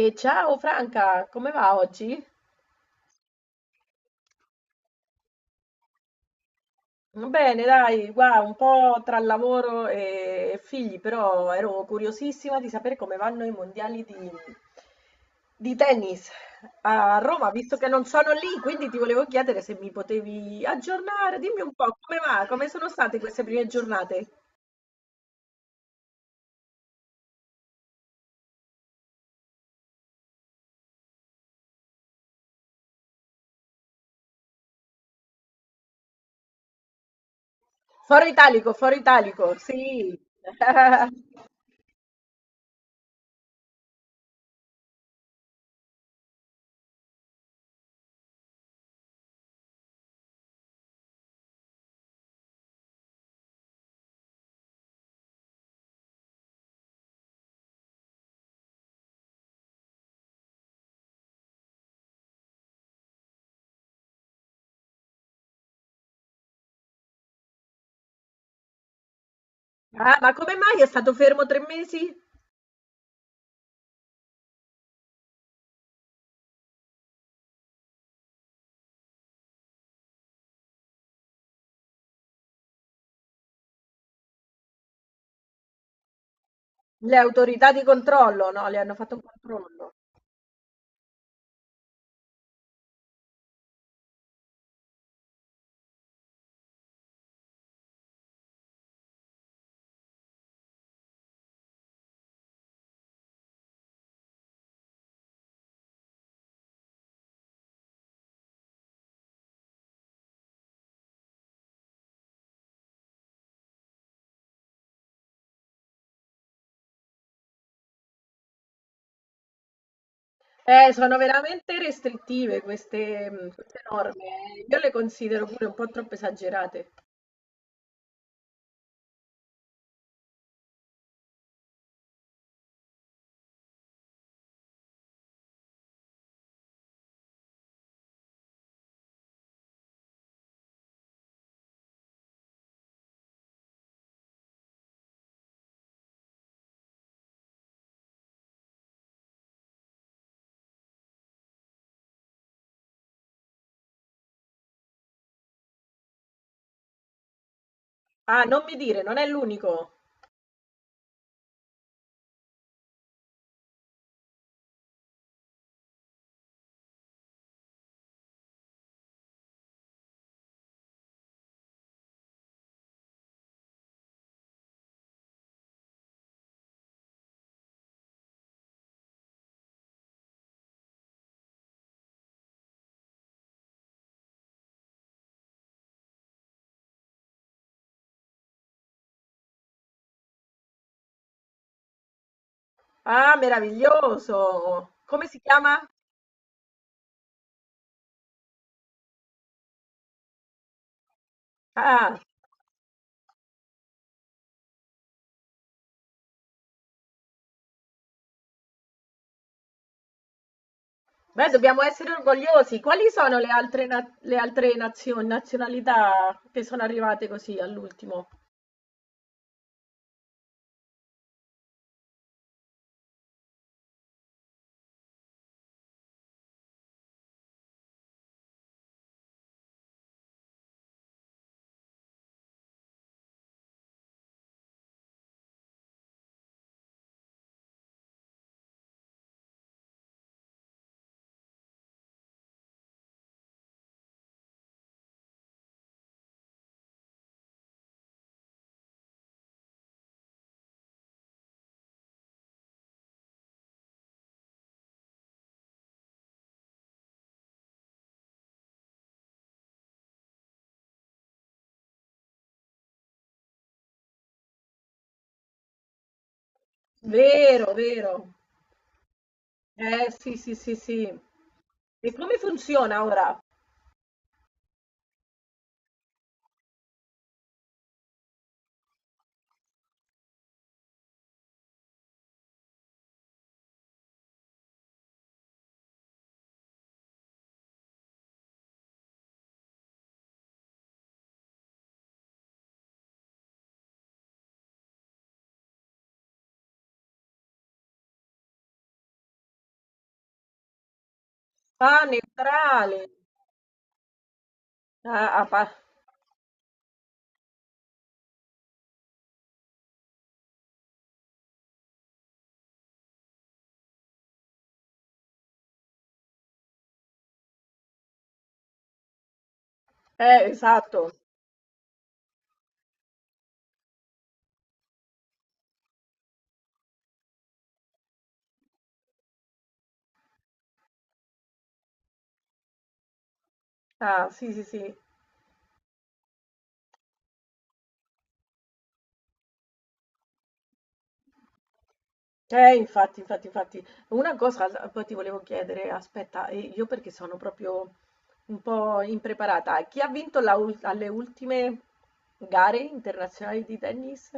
E ciao Franca, come va oggi? Bene, dai, guarda, un po' tra lavoro e figli, però ero curiosissima di sapere come vanno i mondiali di tennis a Roma, visto che non sono lì, quindi ti volevo chiedere se mi potevi aggiornare, dimmi un po' come va, come sono state queste prime giornate? Foro Italico, Foro Italico, sì. Ah, ma come mai è stato fermo tre mesi? Le autorità di controllo, no? Le hanno fatto un controllo. Sono veramente restrittive queste, queste norme. Eh, io le considero pure un po' troppo esagerate. Ah, non mi dire, non è l'unico. Ah, meraviglioso. Come si chiama? Ah, beh, dobbiamo essere orgogliosi. Quali sono le altre, le altre nazioni, nazionalità che sono arrivate così all'ultimo? Vero, vero. Sì, sì, sì, sì. E come funziona ora? Ah, neutrale. Ah, ah, esatto. Ah, sì, sì, sì. Infatti, infatti, infatti. Una cosa poi ti volevo chiedere, aspetta, e io perché sono proprio un po' impreparata. Chi ha vinto alle ultime gare internazionali di tennis?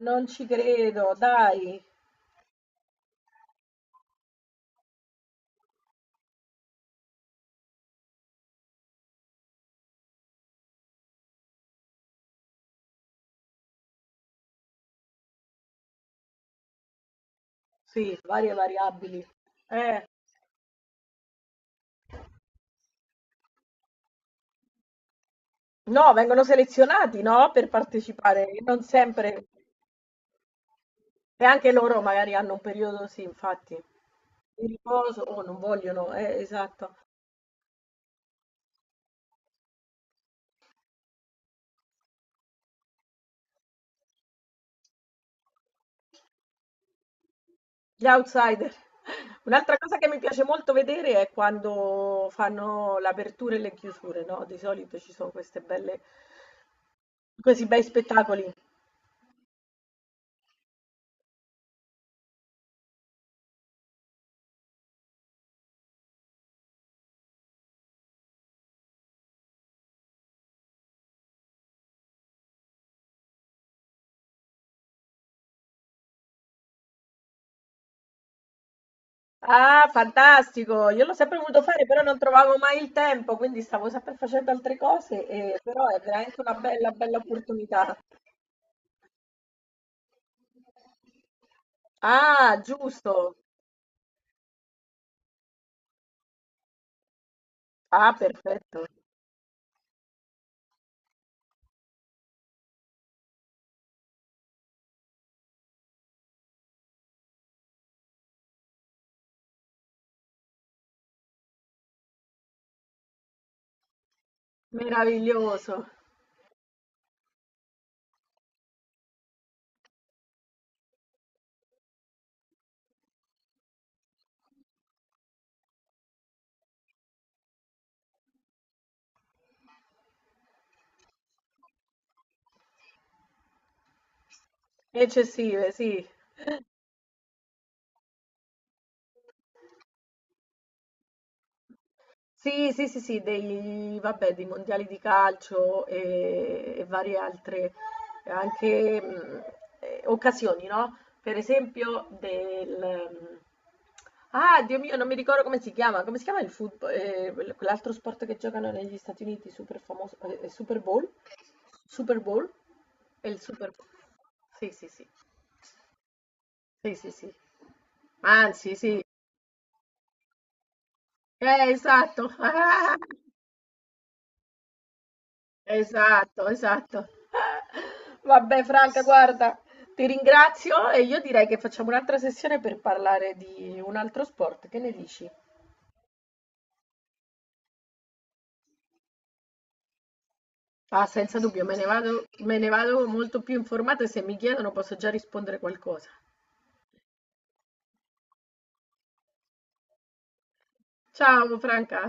Non ci credo, dai. Sì, varie variabili. Eh, no, vengono selezionati, no? Per partecipare, non sempre. E anche loro magari hanno un periodo, sì, infatti, di riposo o non vogliono, esatto. Gli outsider. Un'altra cosa che mi piace molto vedere è quando fanno l'apertura e le chiusure, no? Di solito ci sono queste belle, questi bei spettacoli. Ah, fantastico! Io l'ho sempre voluto fare, però non trovavo mai il tempo, quindi stavo sempre facendo altre cose, però è veramente una bella, bella opportunità. Ah, giusto! Ah, perfetto! Meraviglioso! Eccessive, sì. Sì, sì, sì, sì, dei, vabbè, dei mondiali di calcio e varie altre anche, occasioni, no? Per esempio del... ah, Dio mio, non mi ricordo come si chiama. Come si chiama il football? Eh, quell'altro sport che giocano negli Stati Uniti, super famoso, Super Bowl? Super Bowl? È il Super Bowl. Sì, sì, sì. Sì, sì, sì. Anzi, sì. Esatto. Esatto, esatto. Vabbè, Franca, guarda, ti ringrazio e io direi che facciamo un'altra sessione per parlare di un altro sport. Che ne dici? Ah, senza dubbio, me ne vado molto più informata e se mi chiedono posso già rispondere qualcosa. Ciao, Franca.